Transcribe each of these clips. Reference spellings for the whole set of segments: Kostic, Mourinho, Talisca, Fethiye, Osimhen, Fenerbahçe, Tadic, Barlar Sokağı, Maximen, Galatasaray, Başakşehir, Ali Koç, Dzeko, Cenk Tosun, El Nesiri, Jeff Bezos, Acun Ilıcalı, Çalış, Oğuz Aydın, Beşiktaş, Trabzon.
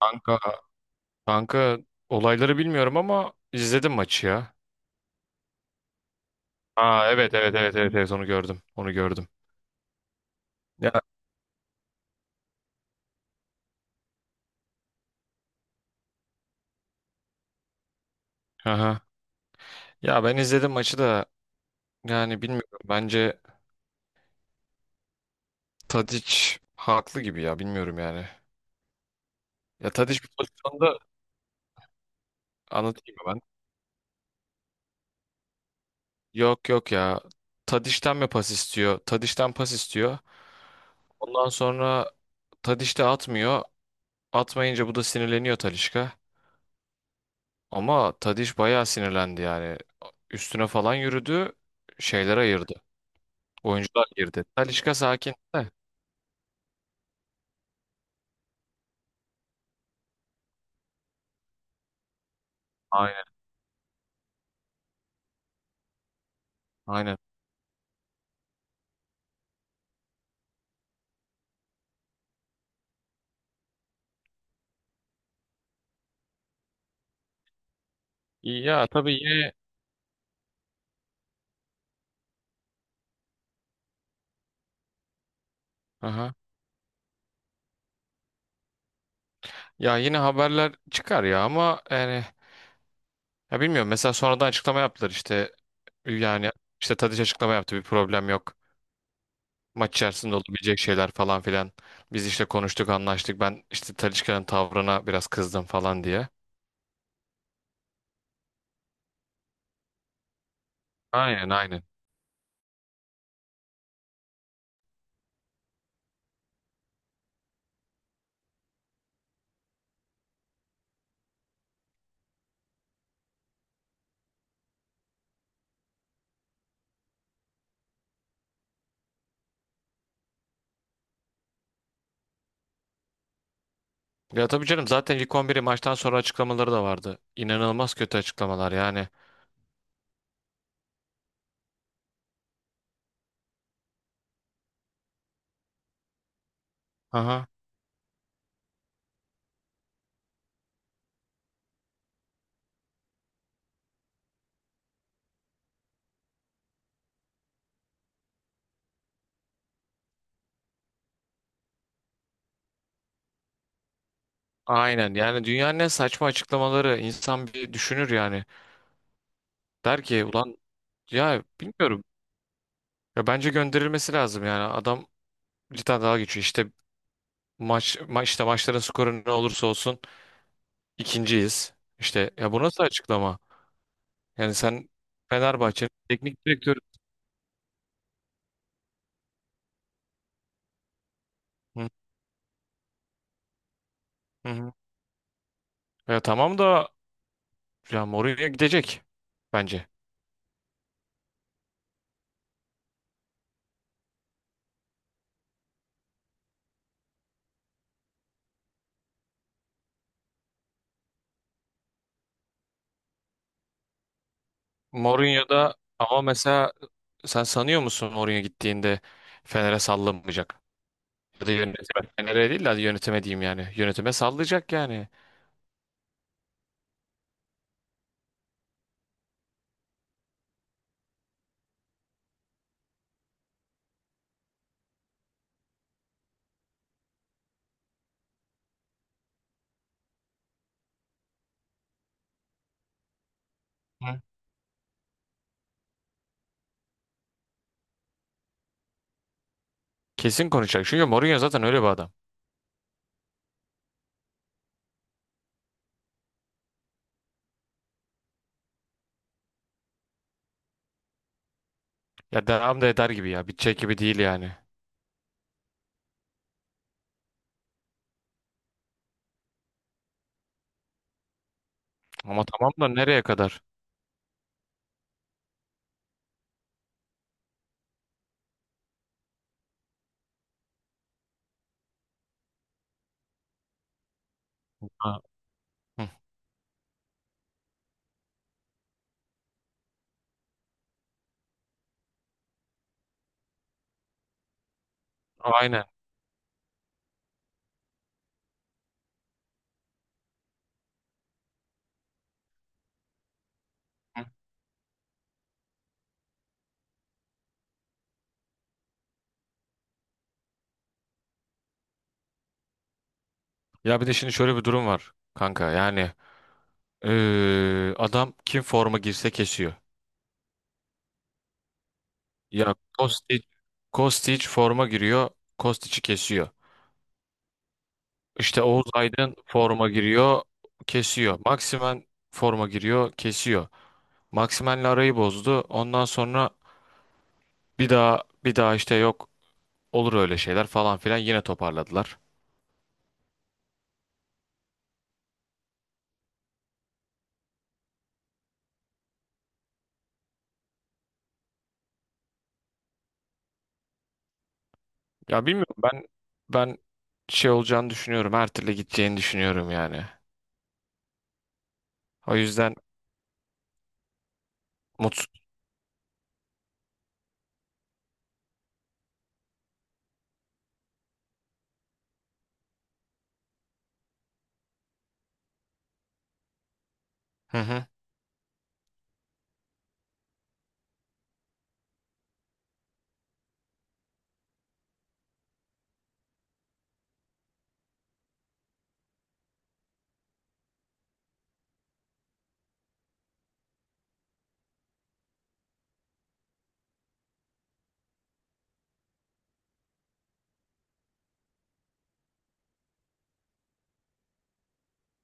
Kanka, kanka, olayları bilmiyorum ama izledim maçı ya. Aa, evet, evet, evet, evet, evet, onu gördüm. Onu gördüm. Ya, aha. Ya ben izledim maçı da yani bilmiyorum. Bence Tadic haklı gibi ya bilmiyorum yani. Ya Tadic bir pozisyonda anlatayım mı ben? Yok, yok ya. Tadic'ten mi pas istiyor? Tadic'ten pas istiyor. Ondan sonra Tadic de atmıyor. Atmayınca bu da sinirleniyor Talisca. Ama Tadiş bayağı sinirlendi yani. Üstüne falan yürüdü. Şeyler ayırdı. Oyuncular girdi. Talisca sakin de. Aynen. Aynen. Ya tabii yine, aha. Ya yine haberler çıkar ya ama yani ya bilmiyorum, mesela sonradan açıklama yaptılar işte, yani işte Tadiç açıklama yaptı, bir problem yok. Maç içerisinde olabilecek şeyler falan filan. Biz işte konuştuk, anlaştık, ben işte Talisca'nın tavrına biraz kızdım falan diye. Aynen, aynen. Ya tabii canım, zaten ilk 11'i maçtan sonra açıklamaları da vardı. İnanılmaz kötü açıklamalar yani. Aha. Aynen, yani dünyanın en saçma açıklamaları, insan bir düşünür yani. Der ki ulan, ya bilmiyorum. Ya bence gönderilmesi lazım yani. Adam cidden dalga geçiyor. İşte maç, ma işte maçların skoru ne olursa olsun ikinciyiz. İşte ya, bu nasıl açıklama? Yani sen Fenerbahçe'nin teknik direktörü. Hı, hı, hı. Ya tamam da, ya Mourinho gidecek bence. Mourinho da, ama mesela sen sanıyor musun oraya gittiğinde Fener'e sallamayacak? Ya da yönetime. Fener'e değil de hadi yönetime diyeyim yani. Yönetime sallayacak yani. Hı. Kesin konuşacak. Çünkü Mourinho zaten öyle bir adam. Ya devam da eder gibi ya. Bitecek gibi değil yani. Ama tamam da nereye kadar? Ha. Hı. Aynen. Hı. Ya bir de şimdi şöyle bir durum var kanka. Yani adam kim forma girse kesiyor. Ya Kostic, forma giriyor. Kostic'i kesiyor. İşte Oğuz Aydın forma giriyor, kesiyor. Maximen forma giriyor, kesiyor. Maximen'le arayı bozdu. Ondan sonra bir daha bir daha işte, yok olur öyle şeyler falan filan, yine toparladılar. Ya bilmiyorum, ben şey olacağını düşünüyorum. Her türlü gideceğini düşünüyorum yani. O yüzden mutsuz. Hı hı.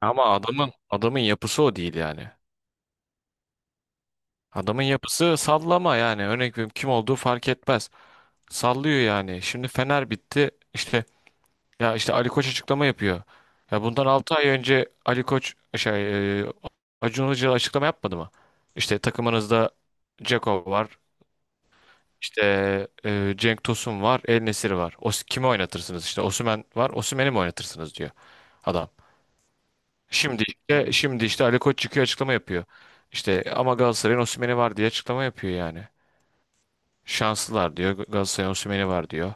Ama adamın yapısı o değil yani. Adamın yapısı sallama yani. Örnek veriyorum, kim olduğu fark etmez. Sallıyor yani. Şimdi Fener bitti. Ya işte Ali Koç açıklama yapıyor. Ya bundan 6 ay önce Ali Koç Acun Ilıcalı açıklama yapmadı mı? İşte takımınızda Dzeko var. İşte Cenk Tosun var. El Nesiri var. O, kimi oynatırsınız? İşte Osimhen var. Osimhen'i mi oynatırsınız diyor adam. Şimdi işte Ali Koç çıkıyor açıklama yapıyor. İşte ama Galatasaray'ın Osimhen'i var diye açıklama yapıyor yani. Şanslılar diyor. Galatasaray'ın Osimhen'i var diyor.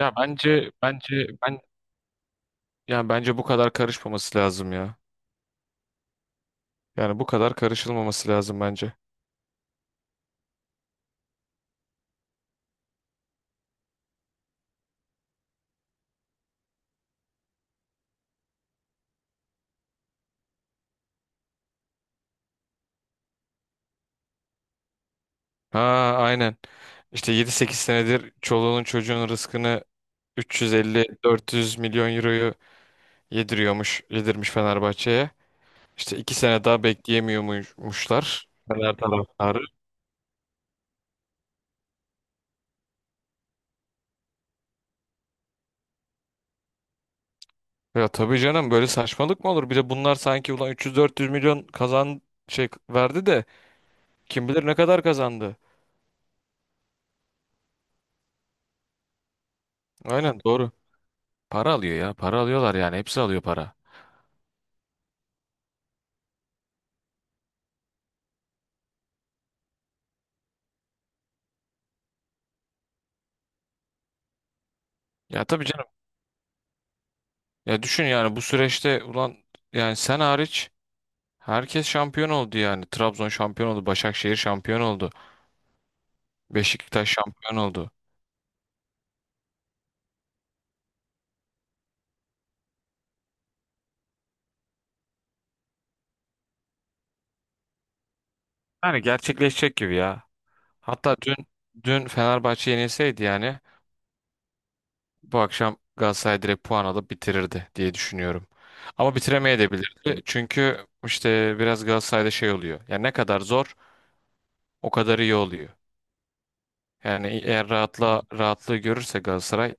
Ya bence ben yani bence bu kadar karışmaması lazım ya. Yani bu kadar karışılmaması lazım bence. Ha, aynen. İşte 7-8 senedir çoluğunun çocuğun rızkını 350-400 milyon euroyu yediriyormuş, yedirmiş Fenerbahçe'ye. İşte 2 sene daha bekleyemiyormuşlar Fener taraftarı. Ya tabii canım, böyle saçmalık mı olur? Bir de bunlar sanki ulan 300-400 milyon kazan, şey verdi de kim bilir ne kadar kazandı. Aynen, doğru. Para alıyor ya. Para alıyorlar yani. Hepsi alıyor para. Ya tabii canım. Ya düşün yani, bu süreçte ulan, yani sen hariç herkes şampiyon oldu yani. Trabzon şampiyon oldu, Başakşehir şampiyon oldu, Beşiktaş şampiyon oldu. Yani gerçekleşecek gibi ya. Hatta dün Fenerbahçe yenilseydi yani bu akşam Galatasaray direkt puan alıp bitirirdi diye düşünüyorum. Ama bitiremeyebilirdi. Çünkü işte biraz Galatasaray'da şey oluyor. Yani ne kadar zor o kadar iyi oluyor. Yani eğer rahatlığı görürse Galatasaray,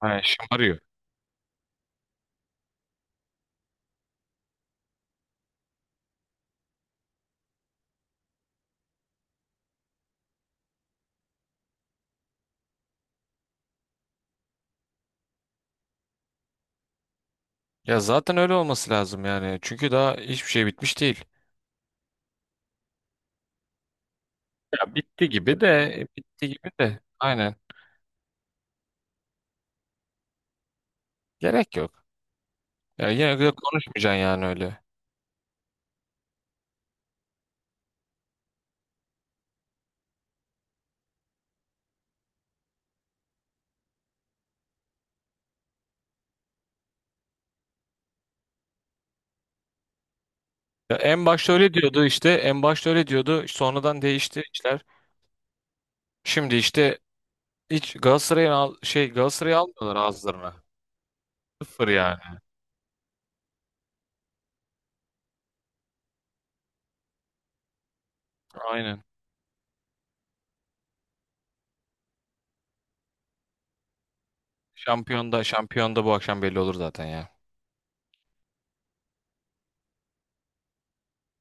hani şımarıyor. Ya zaten öyle olması lazım yani. Çünkü daha hiçbir şey bitmiş değil. Ya bitti gibi de, bitti gibi de, aynen, gerek yok. Ya yine de konuşmayacaksın yani öyle. Ya en başta öyle diyordu işte, en başta öyle diyordu, sonradan değişti işler. Şimdi işte hiç Galatasaray'ın al- şey Galatasaray'ı almıyorlar ağızlarına. Sıfır yani. Aynen. Şampiyonda bu akşam belli olur zaten ya.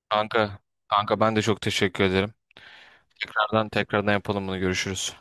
Kanka kanka, ben de çok teşekkür ederim. Tekrardan tekrardan yapalım bunu, görüşürüz.